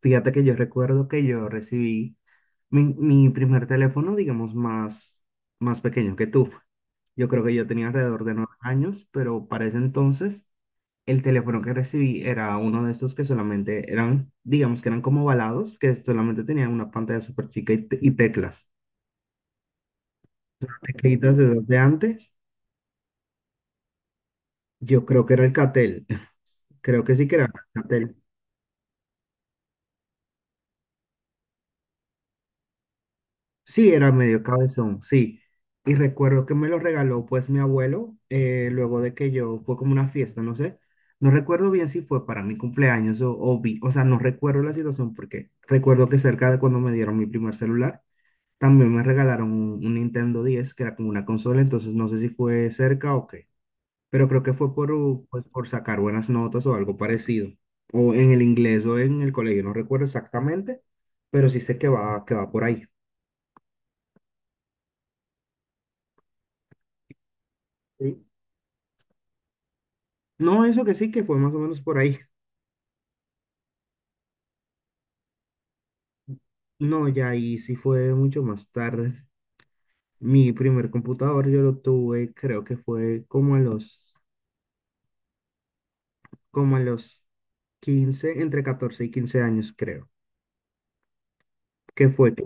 Fíjate que yo recuerdo que yo recibí mi primer teléfono, digamos, más pequeño que tú. Yo creo que yo tenía alrededor de 9 años, pero para ese entonces el teléfono que recibí era uno de estos que solamente eran, digamos, que eran como ovalados, que solamente tenían una pantalla súper chica y teclas. Teclitas de los de antes, yo creo que era el Catel. Creo que sí que era Catel. Sí, era medio cabezón, sí. Y recuerdo que me lo regaló pues mi abuelo, luego de que yo, fue como una fiesta, no sé. No recuerdo bien si fue para mi cumpleaños o o sea, no recuerdo la situación porque recuerdo que cerca de cuando me dieron mi primer celular, también me regalaron un Nintendo 10 que era como una consola, entonces no sé si fue cerca o qué, pero creo que fue por, pues, por sacar buenas notas o algo parecido, o en el inglés o en el colegio, no recuerdo exactamente, pero sí sé que va por ahí. No, eso que sí que fue más o menos por ahí. No, ya ahí sí fue mucho más tarde. Mi primer computador yo lo tuve, creo que fue como a los 15 entre 14 y 15 años, creo. Que fue que,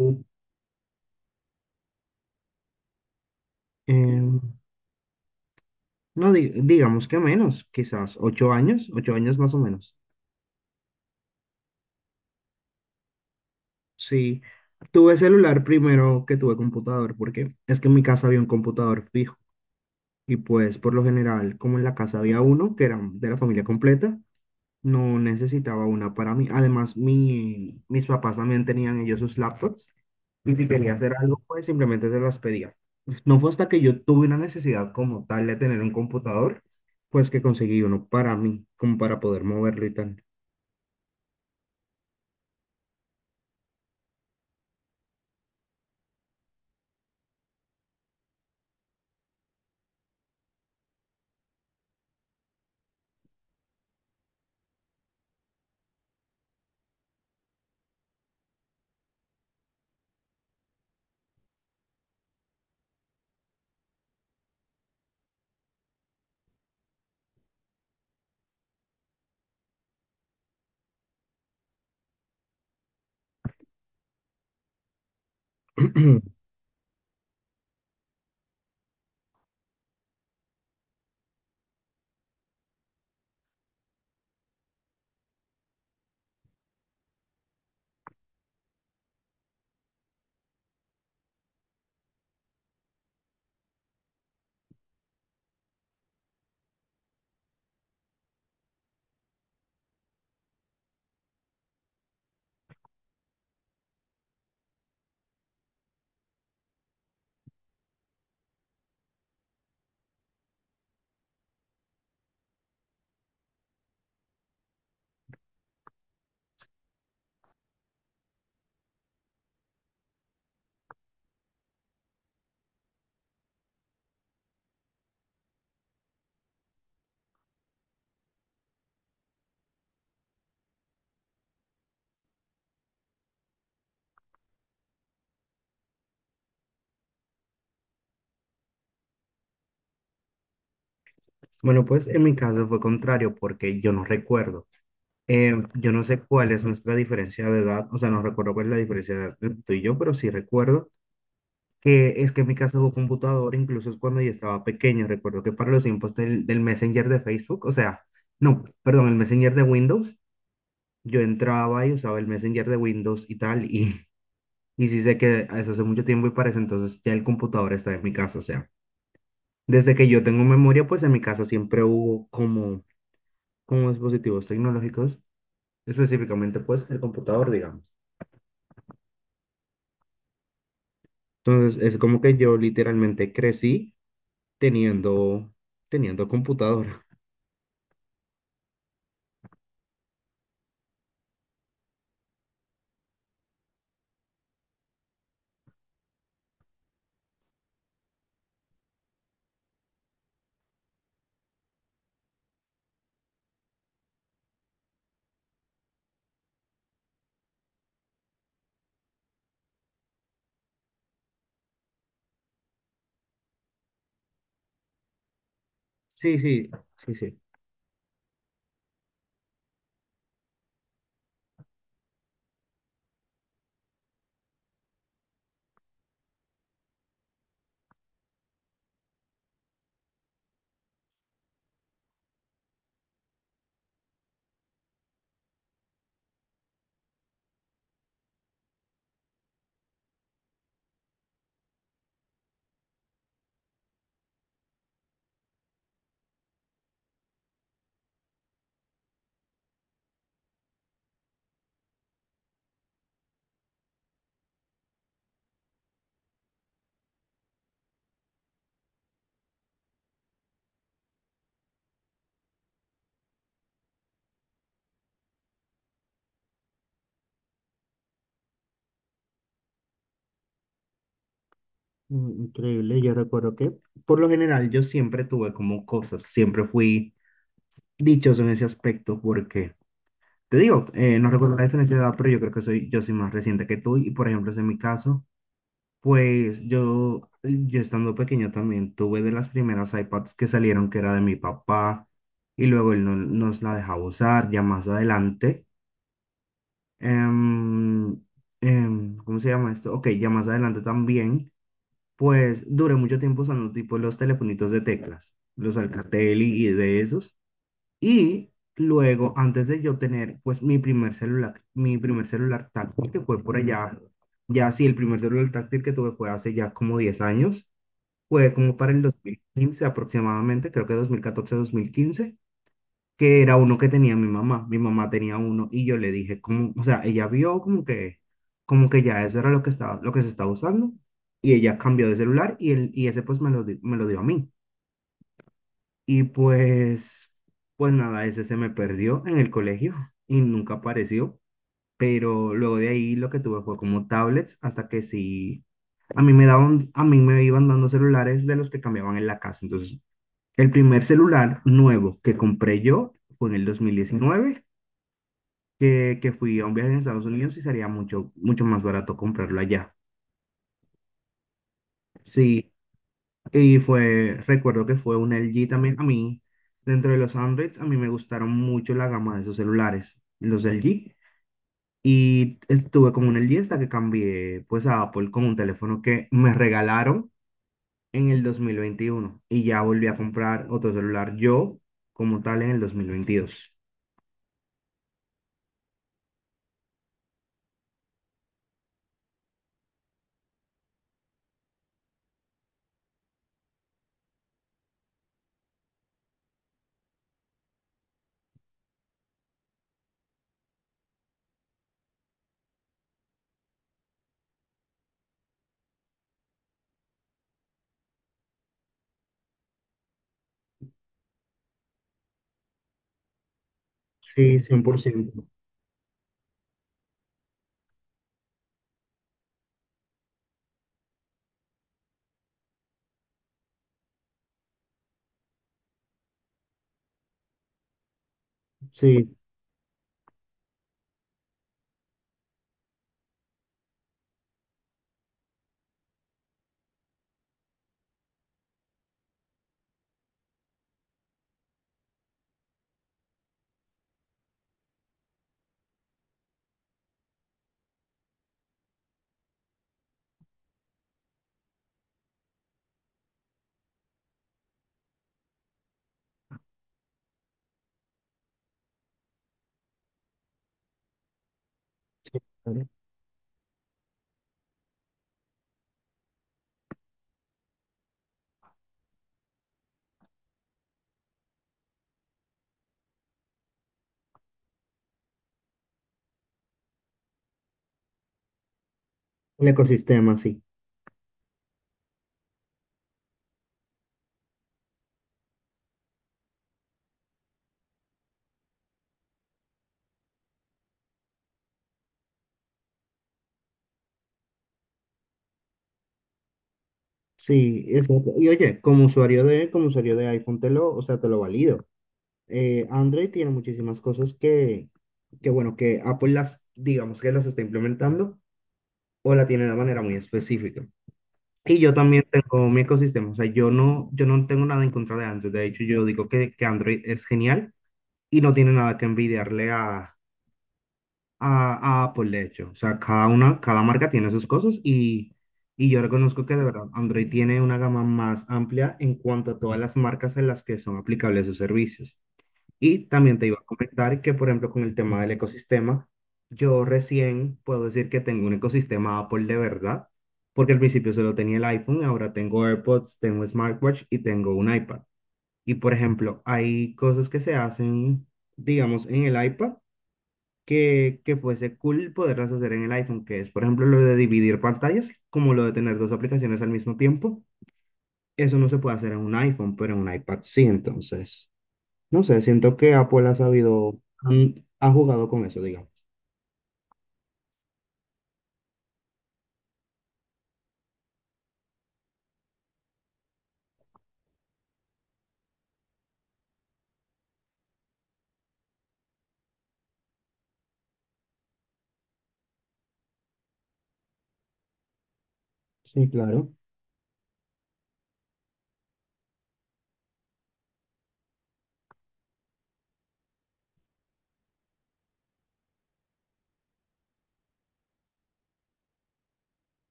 em, no, digamos que menos, quizás 8 años, 8 años más o menos. Sí, tuve celular primero que tuve computador, porque es que en mi casa había un computador fijo. Y pues por lo general, como en la casa había uno que era de la familia completa, no necesitaba una para mí. Además, mis papás también tenían ellos sus laptops y si quería hacer algo, pues simplemente se las pedía. No fue hasta que yo tuve una necesidad como tal de tener un computador, pues que conseguí uno para mí, como para poder moverlo y tal. Bueno, pues en mi caso fue contrario porque yo no recuerdo. Yo no sé cuál es nuestra diferencia de edad, o sea, no recuerdo cuál es la diferencia de edad entre tú y yo, pero sí recuerdo que es que en mi casa hubo computadora, incluso es cuando yo estaba pequeño. Recuerdo que para los tiempos del Messenger de Facebook, o sea, no, perdón, el Messenger de Windows, yo entraba y usaba el Messenger de Windows y tal, y, y sí sé que eso hace mucho tiempo y para ese entonces ya el computador está en mi casa, o sea, desde que yo tengo memoria, pues en mi casa siempre hubo como, como dispositivos tecnológicos, específicamente pues el computador, digamos. Entonces es como que yo literalmente crecí teniendo, teniendo computadora. Sí, sí, sí, sí. Mm, increíble. Yo recuerdo que por lo general yo siempre tuve como cosas, siempre fui dichoso en ese aspecto porque, te digo, no recuerdo la diferencia de edad, pero yo creo que soy, yo soy más reciente que tú y por ejemplo, en mi caso, pues yo estando pequeño también tuve de las primeras iPads que salieron que era de mi papá y luego él no, nos la dejaba usar ya más adelante. em, ¿Cómo se llama esto? Ok, ya más adelante también. Pues duré mucho tiempo usando tipo los telefonitos de teclas, los Alcatel y de esos. Y luego, antes de yo tener pues mi primer celular táctil que fue por allá, ya sí, el primer celular táctil que tuve fue hace ya como 10 años, fue como para el 2015 aproximadamente, creo que 2014, 2015 que era uno que tenía mi mamá. Mi mamá tenía uno y yo le dije, como, o sea, ella vio como que ya eso era lo que estaba, lo que se estaba usando y ella cambió de celular y, ese pues me lo, me lo dio a mí. Y pues, pues nada, ese se me perdió en el colegio y nunca apareció. Pero luego de ahí lo que tuve fue como tablets hasta que sí, a mí me daban, a mí me iban dando celulares de los que cambiaban en la casa. Entonces, el primer celular nuevo que compré yo fue en el 2019 que fui a un viaje en Estados Unidos y sería mucho, mucho más barato comprarlo allá. Sí, y fue, recuerdo que fue un LG también. A mí, dentro de los Androids, a mí me gustaron mucho la gama de esos celulares, los LG. Y estuve con un LG hasta que cambié pues a Apple con un teléfono que me regalaron en el 2021 y ya volví a comprar otro celular yo como tal en el 2022. Sí, 100%. Sí, sí, claro. El ecosistema, sí. Sí, exacto. Y oye, como usuario de iPhone te lo, o sea, te lo valido. Android tiene muchísimas cosas que bueno, que Apple las, digamos que las está implementando o la tiene de manera muy específica. Y yo también tengo mi ecosistema, o sea, yo no tengo nada en contra de Android. De hecho, yo digo que Android es genial y no tiene nada que envidiarle a Apple, de hecho. O sea, cada una, cada marca tiene sus cosas y yo reconozco que de verdad Android tiene una gama más amplia en cuanto a todas las marcas en las que son aplicables sus servicios. Y también te iba a comentar que, por ejemplo, con el tema del ecosistema, yo recién puedo decir que tengo un ecosistema Apple de verdad, porque al principio solo tenía el iPhone, ahora tengo AirPods, tengo smartwatch y tengo un iPad. Y, por ejemplo, hay cosas que se hacen digamos, en el iPad que fuese cool poderlas hacer en el iPhone, que es, por ejemplo, lo de dividir pantallas, como lo de tener dos aplicaciones al mismo tiempo. Eso no se puede hacer en un iPhone, pero en un iPad sí, entonces. No sé, siento que Apple ha sabido, mm, ha jugado con eso, digamos. Sí, claro.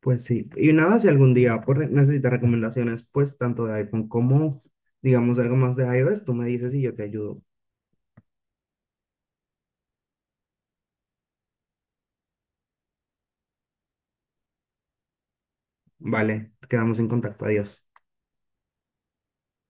Pues sí. Y nada, si algún día Apple necesita recomendaciones, pues tanto de iPhone como, digamos, algo más de iOS, tú me dices y yo te ayudo. Vale, quedamos en contacto. Adiós.